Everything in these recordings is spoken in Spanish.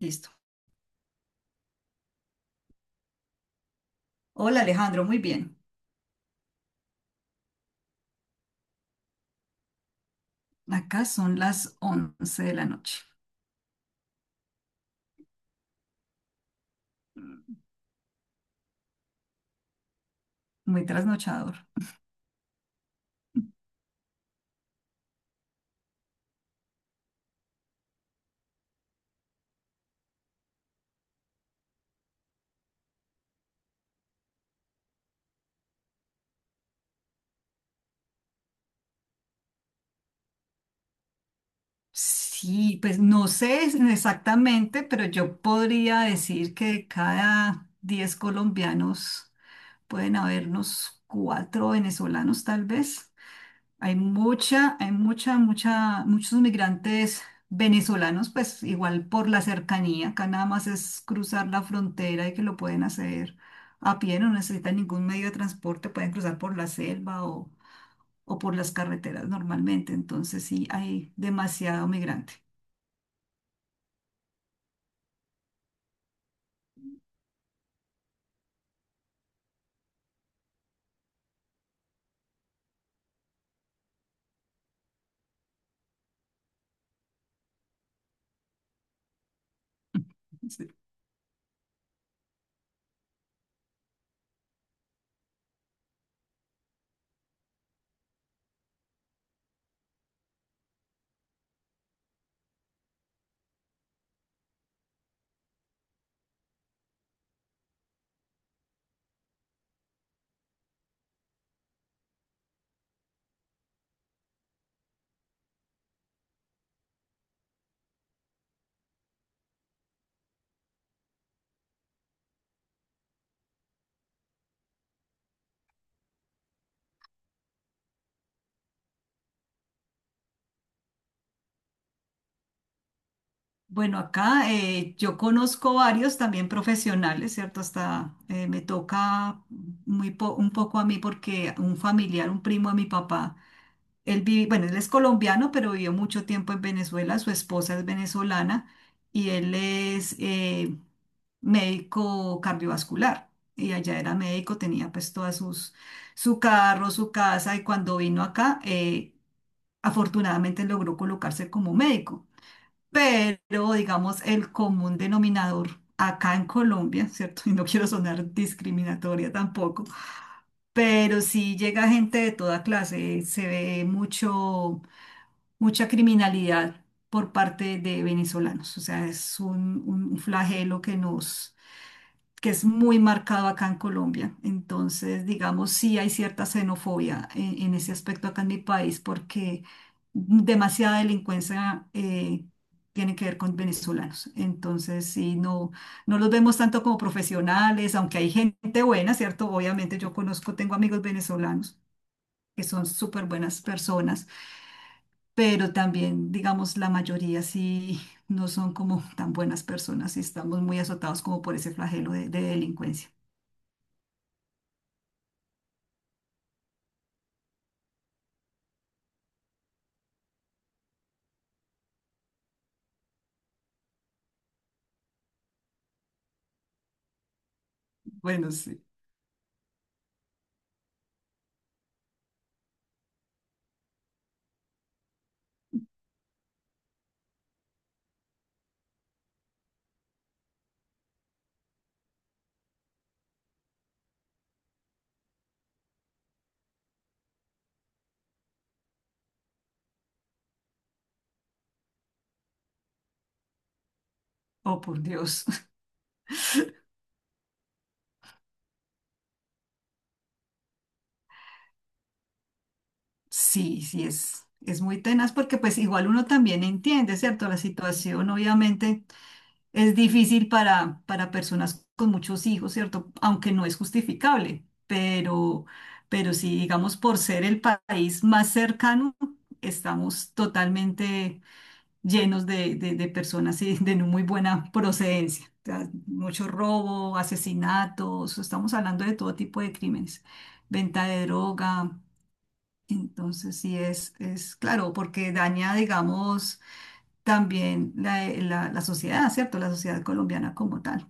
Listo. Hola Alejandro, muy bien. Acá son las 11 de la noche. Muy trasnochador. Sí, pues no sé exactamente, pero yo podría decir que de cada 10 colombianos pueden habernos cuatro venezolanos tal vez. Muchos migrantes venezolanos, pues igual por la cercanía, acá nada más es cruzar la frontera y que lo pueden hacer a pie, no necesitan ningún medio de transporte, pueden cruzar por la selva o por las carreteras normalmente. Entonces sí, hay demasiado migrante. Sí. Bueno, acá yo conozco varios también profesionales, ¿cierto? Hasta me toca un poco a mí porque un familiar, un primo de mi papá. Él vive, bueno, él es colombiano, pero vivió mucho tiempo en Venezuela. Su esposa es venezolana y él es médico cardiovascular. Y allá era médico, tenía pues todas sus, su carro, su casa. Y cuando vino acá, afortunadamente logró colocarse como médico. Pero, digamos, el común denominador acá en Colombia, ¿cierto? Y no quiero sonar discriminatoria tampoco, pero sí llega gente de toda clase. Se ve mucho mucha criminalidad por parte de venezolanos. O sea, es un flagelo que nos, que es muy marcado acá en Colombia. Entonces, digamos, sí hay cierta xenofobia en ese aspecto acá en mi país porque demasiada delincuencia tiene que ver con venezolanos. Entonces, sí, no, no los vemos tanto como profesionales, aunque hay gente buena, ¿cierto? Obviamente yo conozco, tengo amigos venezolanos que son súper buenas personas, pero también, digamos, la mayoría sí no son como tan buenas personas y estamos muy azotados como por ese flagelo de delincuencia. Bueno, sí. Oh, por Dios. Sí, sí, es muy tenaz porque pues igual uno también entiende, ¿cierto? La situación obviamente es difícil para personas con muchos hijos, ¿cierto? Aunque no es justificable, pero sí, digamos, por ser el país más cercano, estamos totalmente llenos de personas y de no muy buena procedencia. O sea, mucho robo, asesinatos, estamos hablando de todo tipo de crímenes, venta de droga. Entonces, sí es claro, porque daña, digamos, también la sociedad, ¿cierto? La sociedad colombiana como tal.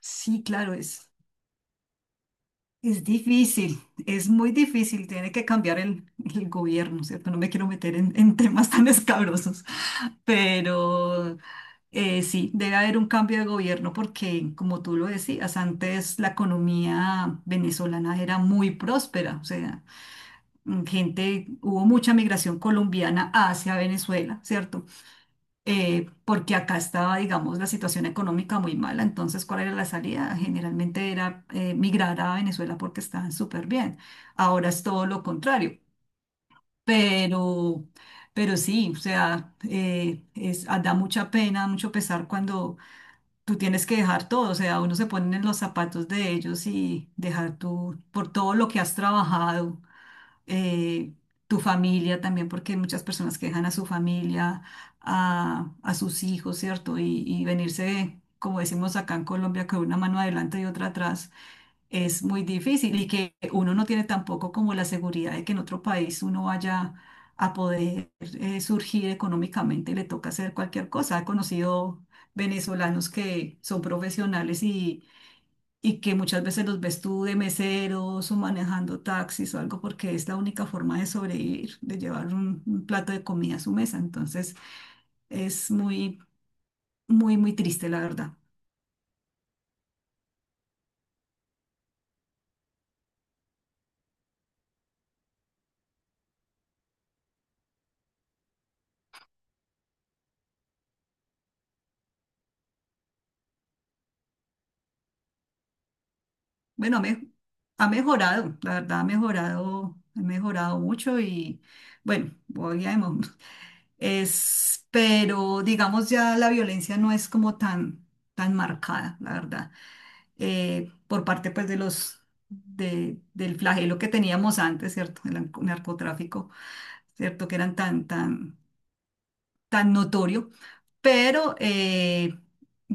Sí, claro, es difícil, es muy difícil, tiene que cambiar el gobierno, ¿cierto? No me quiero meter en temas tan escabrosos. Pero sí, debe haber un cambio de gobierno porque, como tú lo decías, antes la economía venezolana era muy próspera. O sea, gente, hubo mucha migración colombiana hacia Venezuela, ¿cierto? Porque acá estaba, digamos, la situación económica muy mala. Entonces, ¿cuál era la salida? Generalmente era migrar a Venezuela porque estaban súper bien. Ahora es todo lo contrario, pero... Pero sí, o sea, es, ah, da mucha pena, mucho pesar cuando tú tienes que dejar todo. O sea, uno se pone en los zapatos de ellos y dejar tú por todo lo que has trabajado, eh, tu familia también, porque hay muchas personas que dejan a su familia, a sus hijos, ¿cierto? Y venirse, como decimos acá en Colombia, con una mano adelante y otra atrás, es muy difícil, y que uno no tiene tampoco como la seguridad de que en otro país uno vaya a poder surgir económicamente, le toca hacer cualquier cosa. He conocido venezolanos que son profesionales y que muchas veces los ves tú de meseros o manejando taxis o algo porque es la única forma de sobrevivir, de llevar un plato de comida a su mesa. Entonces es muy, muy, muy triste, la verdad. Bueno, ha mejorado, la verdad, ha mejorado mucho y bueno, voy a es, pero digamos ya la violencia no es como tan, tan marcada, la verdad, por parte pues de los, de, del flagelo que teníamos antes, ¿cierto? El narcotráfico, ¿cierto? Que eran tan, tan, tan notorio, pero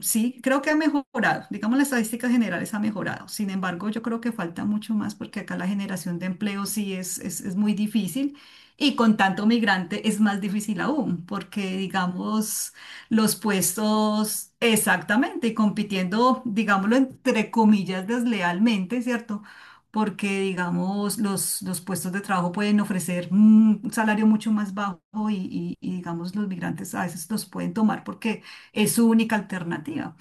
sí, creo que ha mejorado. Digamos, las estadísticas generales ha mejorado. Sin embargo, yo creo que falta mucho más porque acá la generación de empleo sí es muy difícil. Y con tanto migrante es más difícil aún, porque digamos, los puestos, exactamente, y compitiendo, digámoslo, entre comillas, deslealmente, ¿cierto? Porque, digamos, los puestos de trabajo pueden ofrecer un salario mucho más bajo y digamos, los migrantes a veces los pueden tomar porque es su única alternativa.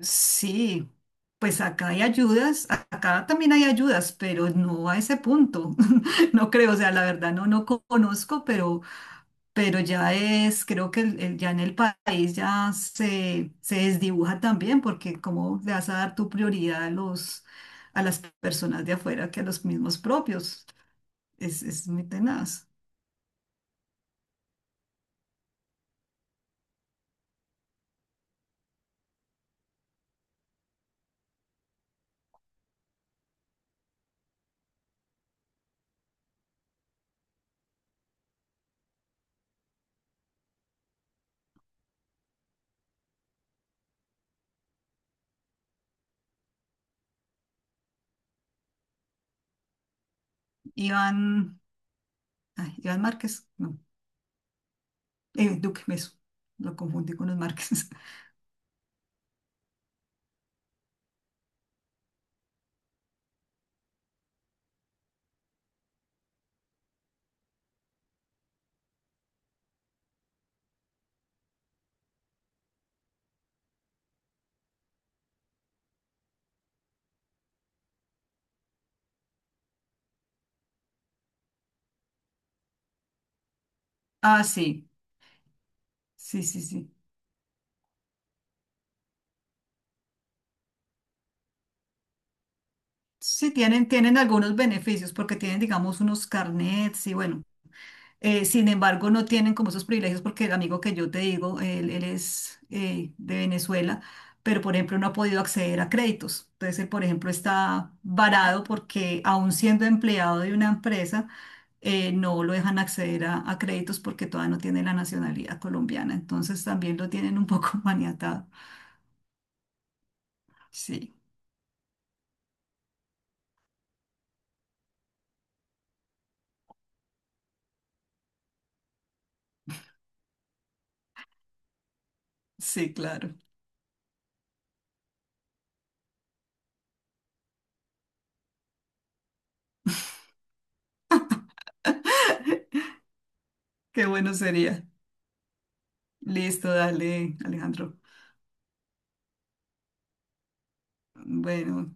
Sí, pues acá hay ayudas, acá también hay ayudas, pero no a ese punto, no creo, o sea, la verdad no, no conozco, pero ya es, creo que ya en el país ya se desdibuja también, porque cómo le vas a dar tu prioridad a los, a las personas de afuera que a los mismos propios. Es muy tenaz. Iván, ay, Iván Márquez, no, Duque, eso, lo confundí con los Márquez. Ah, sí, sí, sí, sí. Sí, tienen algunos beneficios porque tienen, digamos, unos carnets y bueno, sin embargo, no tienen como esos privilegios porque el amigo que yo te digo, él es de Venezuela, pero por ejemplo no ha podido acceder a créditos. Entonces él, por ejemplo, está varado porque aún siendo empleado de una empresa, no lo dejan acceder a créditos porque todavía no tiene la nacionalidad colombiana. Entonces también lo tienen un poco maniatado. Sí, sí, claro. Qué bueno sería. Listo, dale, Alejandro. Bueno.